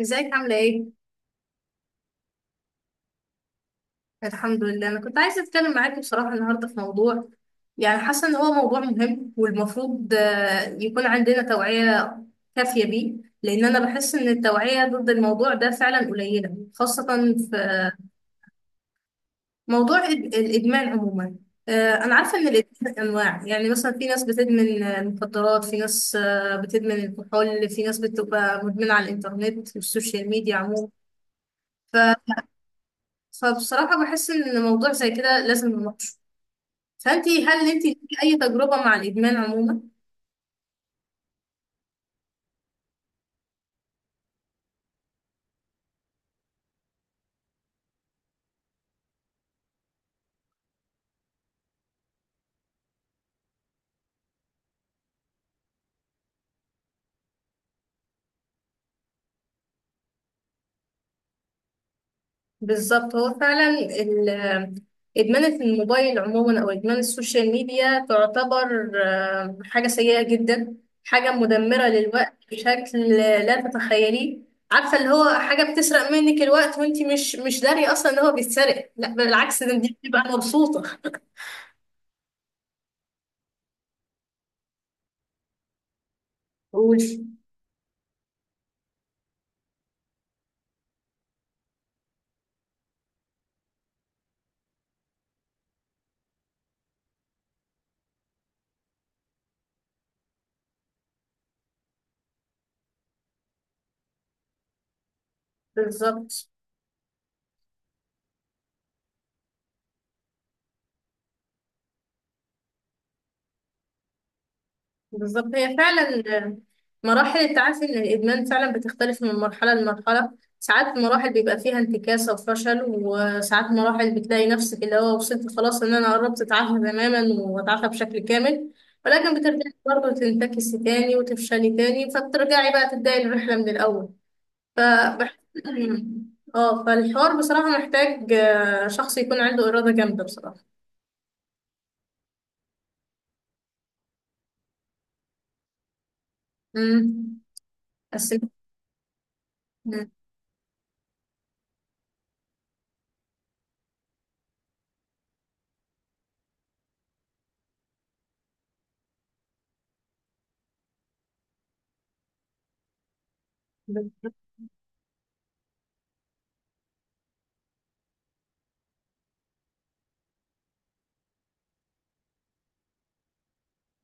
ازيك؟ عاملة ايه؟ الحمد لله. انا كنت عايزة اتكلم معاكي بصراحة النهاردة في موضوع، يعني حاسة ان هو موضوع مهم والمفروض يكون عندنا توعية كافية بيه. لان انا بحس ان التوعية ضد الموضوع ده فعلا قليلة، خاصة في موضوع الادمان عموما. انا عارفة ان الادمان انواع، يعني مثلا في ناس بتدمن المخدرات، في ناس بتدمن الكحول، في ناس بتبقى مدمنة على الانترنت والسوشيال ميديا عموما. ف- فبصراحة بحس ان موضوع زي كده لازم نناقشه. هل انتي ليكي اي تجربة مع الادمان عموما؟ بالظبط، هو فعلا ادمان الموبايل عموما او ادمان السوشيال ميديا تعتبر حاجة سيئة جدا، حاجة مدمرة للوقت بشكل لا تتخيليه. عارفة اللي هو حاجة بتسرق منك الوقت وانتي مش دارية اصلا ان هو بيتسرق، لا، بالعكس، ده انتي بتبقى مبسوطة. قولي. بالظبط. بالظبط، هي فعلا مراحل التعافي من الإدمان فعلا بتختلف من مرحلة لمرحلة. ساعات مراحل بيبقى فيها انتكاسة وفشل، وساعات مراحل بتلاقي نفسك اللي هو وصلت خلاص، إن أنا قربت أتعافى تماما وأتعافى بشكل كامل، ولكن بترجعي برضه تنتكسي تاني وتفشلي تاني، فبترجعي بقى تبدأي الرحلة من الأول. فبح... اه فالحوار بصراحة محتاج شخص يكون عنده إرادة جامدة بصراحة. امم بس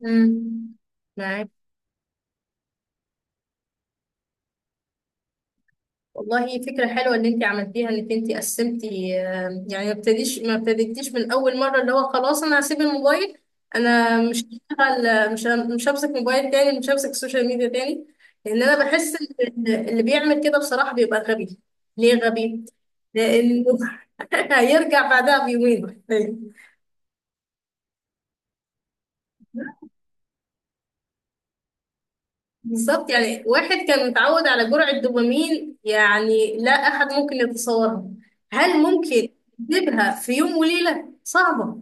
امم معاك. والله فكرة حلوة اللي انت عملتيها انك انت قسمتي. يعني ما ابتديتيش من اول مرة اللي هو خلاص انا هسيب الموبايل. انا مش هشتغل، مش همسك موبايل تاني، مش همسك السوشيال ميديا تاني، لان انا بحس ان اللي بيعمل كده بصراحة بيبقى غبي. ليه غبي؟ لانه هيرجع بعدها بيومين. بالظبط، يعني واحد كان متعود على جرعة دوبامين يعني لا احد ممكن يتصورها. هل ممكن يجيبها في يوم وليلة؟ صعبة.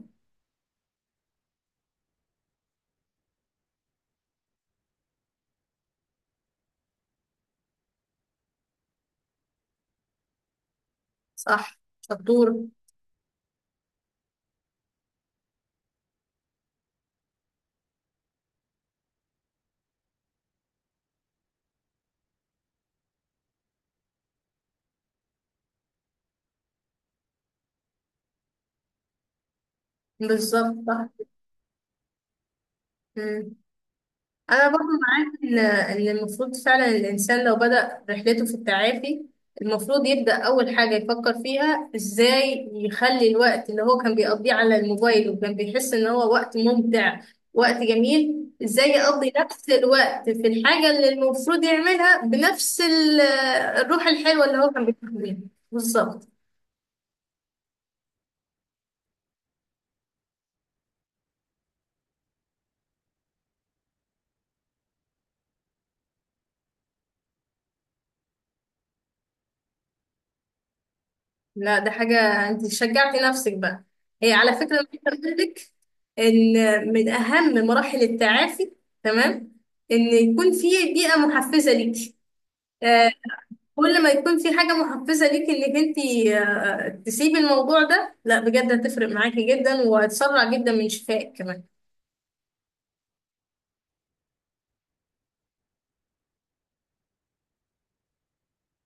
صح. شطورة. بالظبط. صح. مم. أنا برضو معاك، إن المفروض فعلا الإنسان لو بدأ رحلته في التعافي، المفروض يبدأ أول حاجة يفكر فيها إزاي يخلي الوقت اللي هو كان بيقضيه على الموبايل وكان بيحس إن هو وقت ممتع، وقت جميل، إزاي يقضي نفس الوقت في الحاجة اللي المفروض يعملها بنفس الروح الحلوة اللي هو كان بيحبها. بالظبط. لا، ده حاجة، انت شجعتي نفسك بقى. هي على فكرة انا عايزة اقول لك ان من اهم مراحل التعافي، تمام، ان يكون في بيئة محفزة ليكي. آه، كل ما يكون في حاجة محفزة ليكي انك انت تسيبي الموضوع ده، لا بجد هتفرق معاكي جدا وهتسرع جدا من شفائك كمان.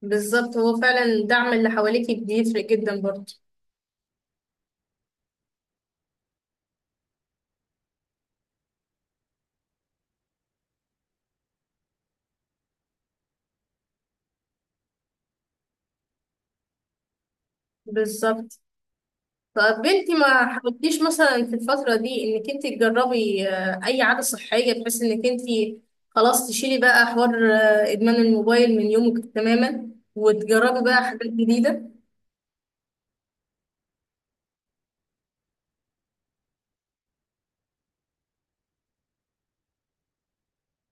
بالظبط، هو فعلا الدعم اللي حواليكي بيفرق جدا برضه. بالظبط. طب بنتي، ما حاولتيش مثلا في الفترة دي انك انت تجربي اي عادة صحية بحيث انك انت خلاص تشيلي بقى حوار ادمان الموبايل من يومك تماما، وتجربي بقى حاجات جديدة،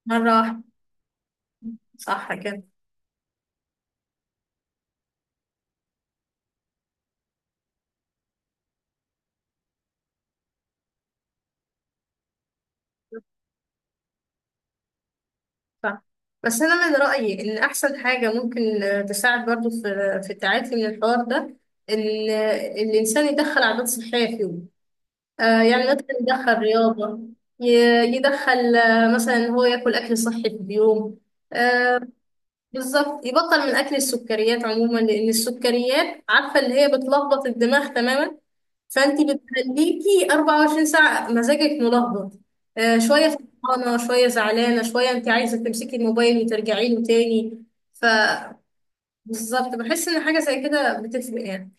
مرة واحدة؟ صح كده. صح. بس انا من رأيي ان احسن حاجة ممكن تساعد برضو في في التعافي من الحوار ده، ان الانسان يدخل عادات صحية في يومه. يعني مثلا يدخل رياضة، يدخل مثلا إن هو ياكل اكل صحي في اليوم. آه، بالظبط يبطل من اكل السكريات عموما، لان السكريات عارفه اللي هي بتلخبط الدماغ تماما. فانت بتخليكي 24 ساعه مزاجك ملخبط، شويه فرحانه، شويه زعلانه، شويه انت عايزه تمسكي الموبايل وترجعي له تاني. ف بالظبط، بحس ان حاجه زي كده بتفرق يعني.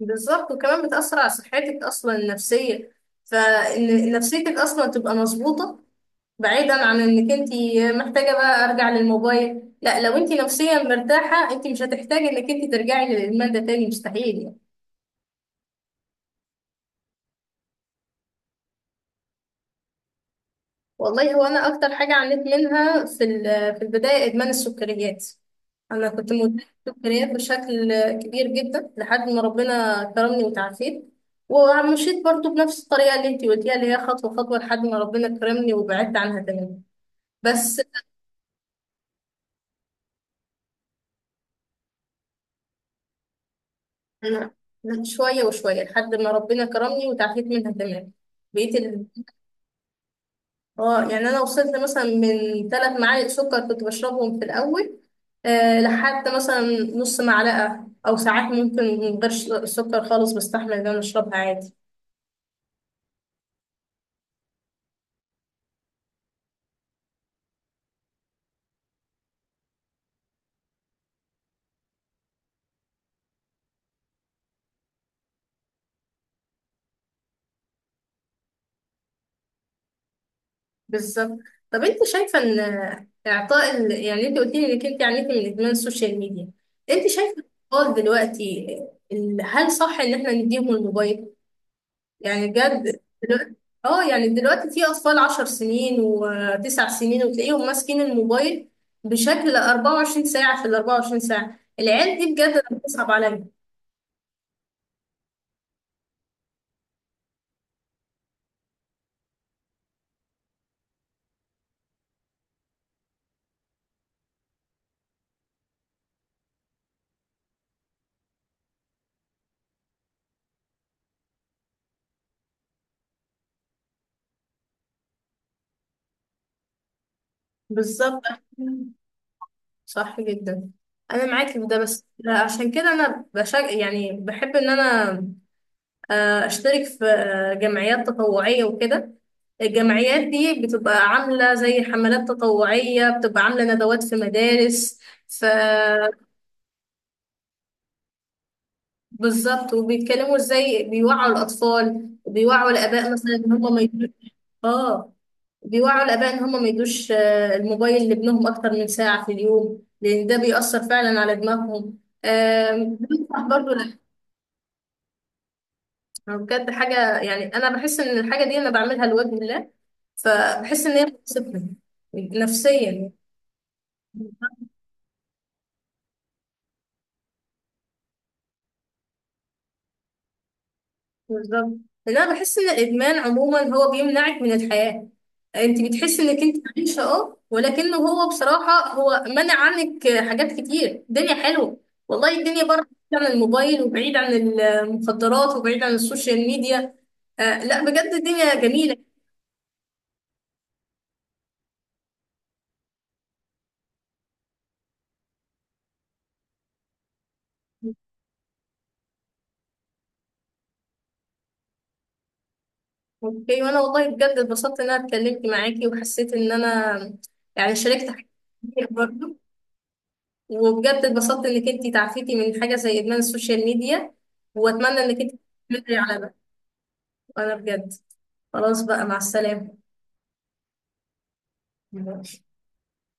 بالظبط، وكمان بتاثر على صحتك اصلا النفسيه، فان نفسيتك اصلا تبقى مظبوطه، بعيدا عن انك انت محتاجه بقى ارجع للموبايل. لا، لو انت نفسيا مرتاحه انت مش هتحتاجي انك انت ترجعي للادمان ده تاني، مستحيل يعني. والله، هو انا اكتر حاجه عانيت منها في في البدايه ادمان السكريات. انا كنت مدمنه سكريات بشكل كبير جدا لحد ما ربنا كرمني وتعافيت. ومشيت برضو بنفس الطريقه اللي انت قلتيها، اللي هي خطوه خطوه، لحد ما ربنا كرمني وبعدت عنها تماما. بس أنا شويه وشويه لحد ما ربنا كرمني وتعافيت منها تماما. بقيت، اه يعني انا وصلت مثلا من 3 معالق سكر كنت بشربهم في الاول، لحد مثلا نص معلقه، او ساعات ممكن من غير سكر خالص بستحمل ان انا اشربها عادي. بالظبط. طب انت شايفه ان اعطاء يعني انت قلت لي انك انت عانيتي من ادمان السوشيال ميديا، انت شايفه الاطفال دلوقتي، هل صح ان احنا نديهم الموبايل يعني بجد دلوقتي؟ اه يعني دلوقتي في اطفال 10 سنين وتسع سنين وتلاقيهم ماسكين الموبايل بشكل 24 ساعة في ال 24 ساعة. العيال دي بجد أنا بتصعب عليا. بالظبط. صح جدا. انا معاكي في ده، بس عشان كده انا يعني بحب ان انا اشترك في جمعيات تطوعية وكده. الجمعيات دي بتبقى عاملة زي حملات تطوعية، بتبقى عاملة ندوات في مدارس، في بالظبط، وبيتكلموا ازاي بيوعوا الاطفال وبيوعوا الاباء مثلا ان هم ما يدوش. اه بيوعوا الاباء ان هم ما يدوش الموبايل لابنهم اكتر من ساعه في اليوم، لان ده بيأثر فعلا على دماغهم. بينصح برضو. لا بجد حاجه يعني انا بحس ان الحاجه دي انا بعملها لوجه الله، فبحس ان هي بتبسطني نفسيا. بالظبط، لأن انا بحس ان الادمان عموما هو بيمنعك من الحياه. انت بتحسي انك انت عايشه، اه، ولكنه هو بصراحه هو منع عنك حاجات كتير. الدنيا حلوه، والله الدنيا بره، بعيد عن الموبايل وبعيد عن المخدرات وبعيد عن السوشيال ميديا، لا بجد الدنيا جميله. اوكي، وانا والله بجد اتبسطت ان انا اتكلمت معاكي، وحسيت ان انا يعني شاركت حاجات كتير برضه، وبجد اتبسطت انك انتي تعافيتي من حاجة زي ادمان السوشيال ميديا، واتمنى انك انتي تستمري على ده. انا بجد خلاص بقى، مع السلامة.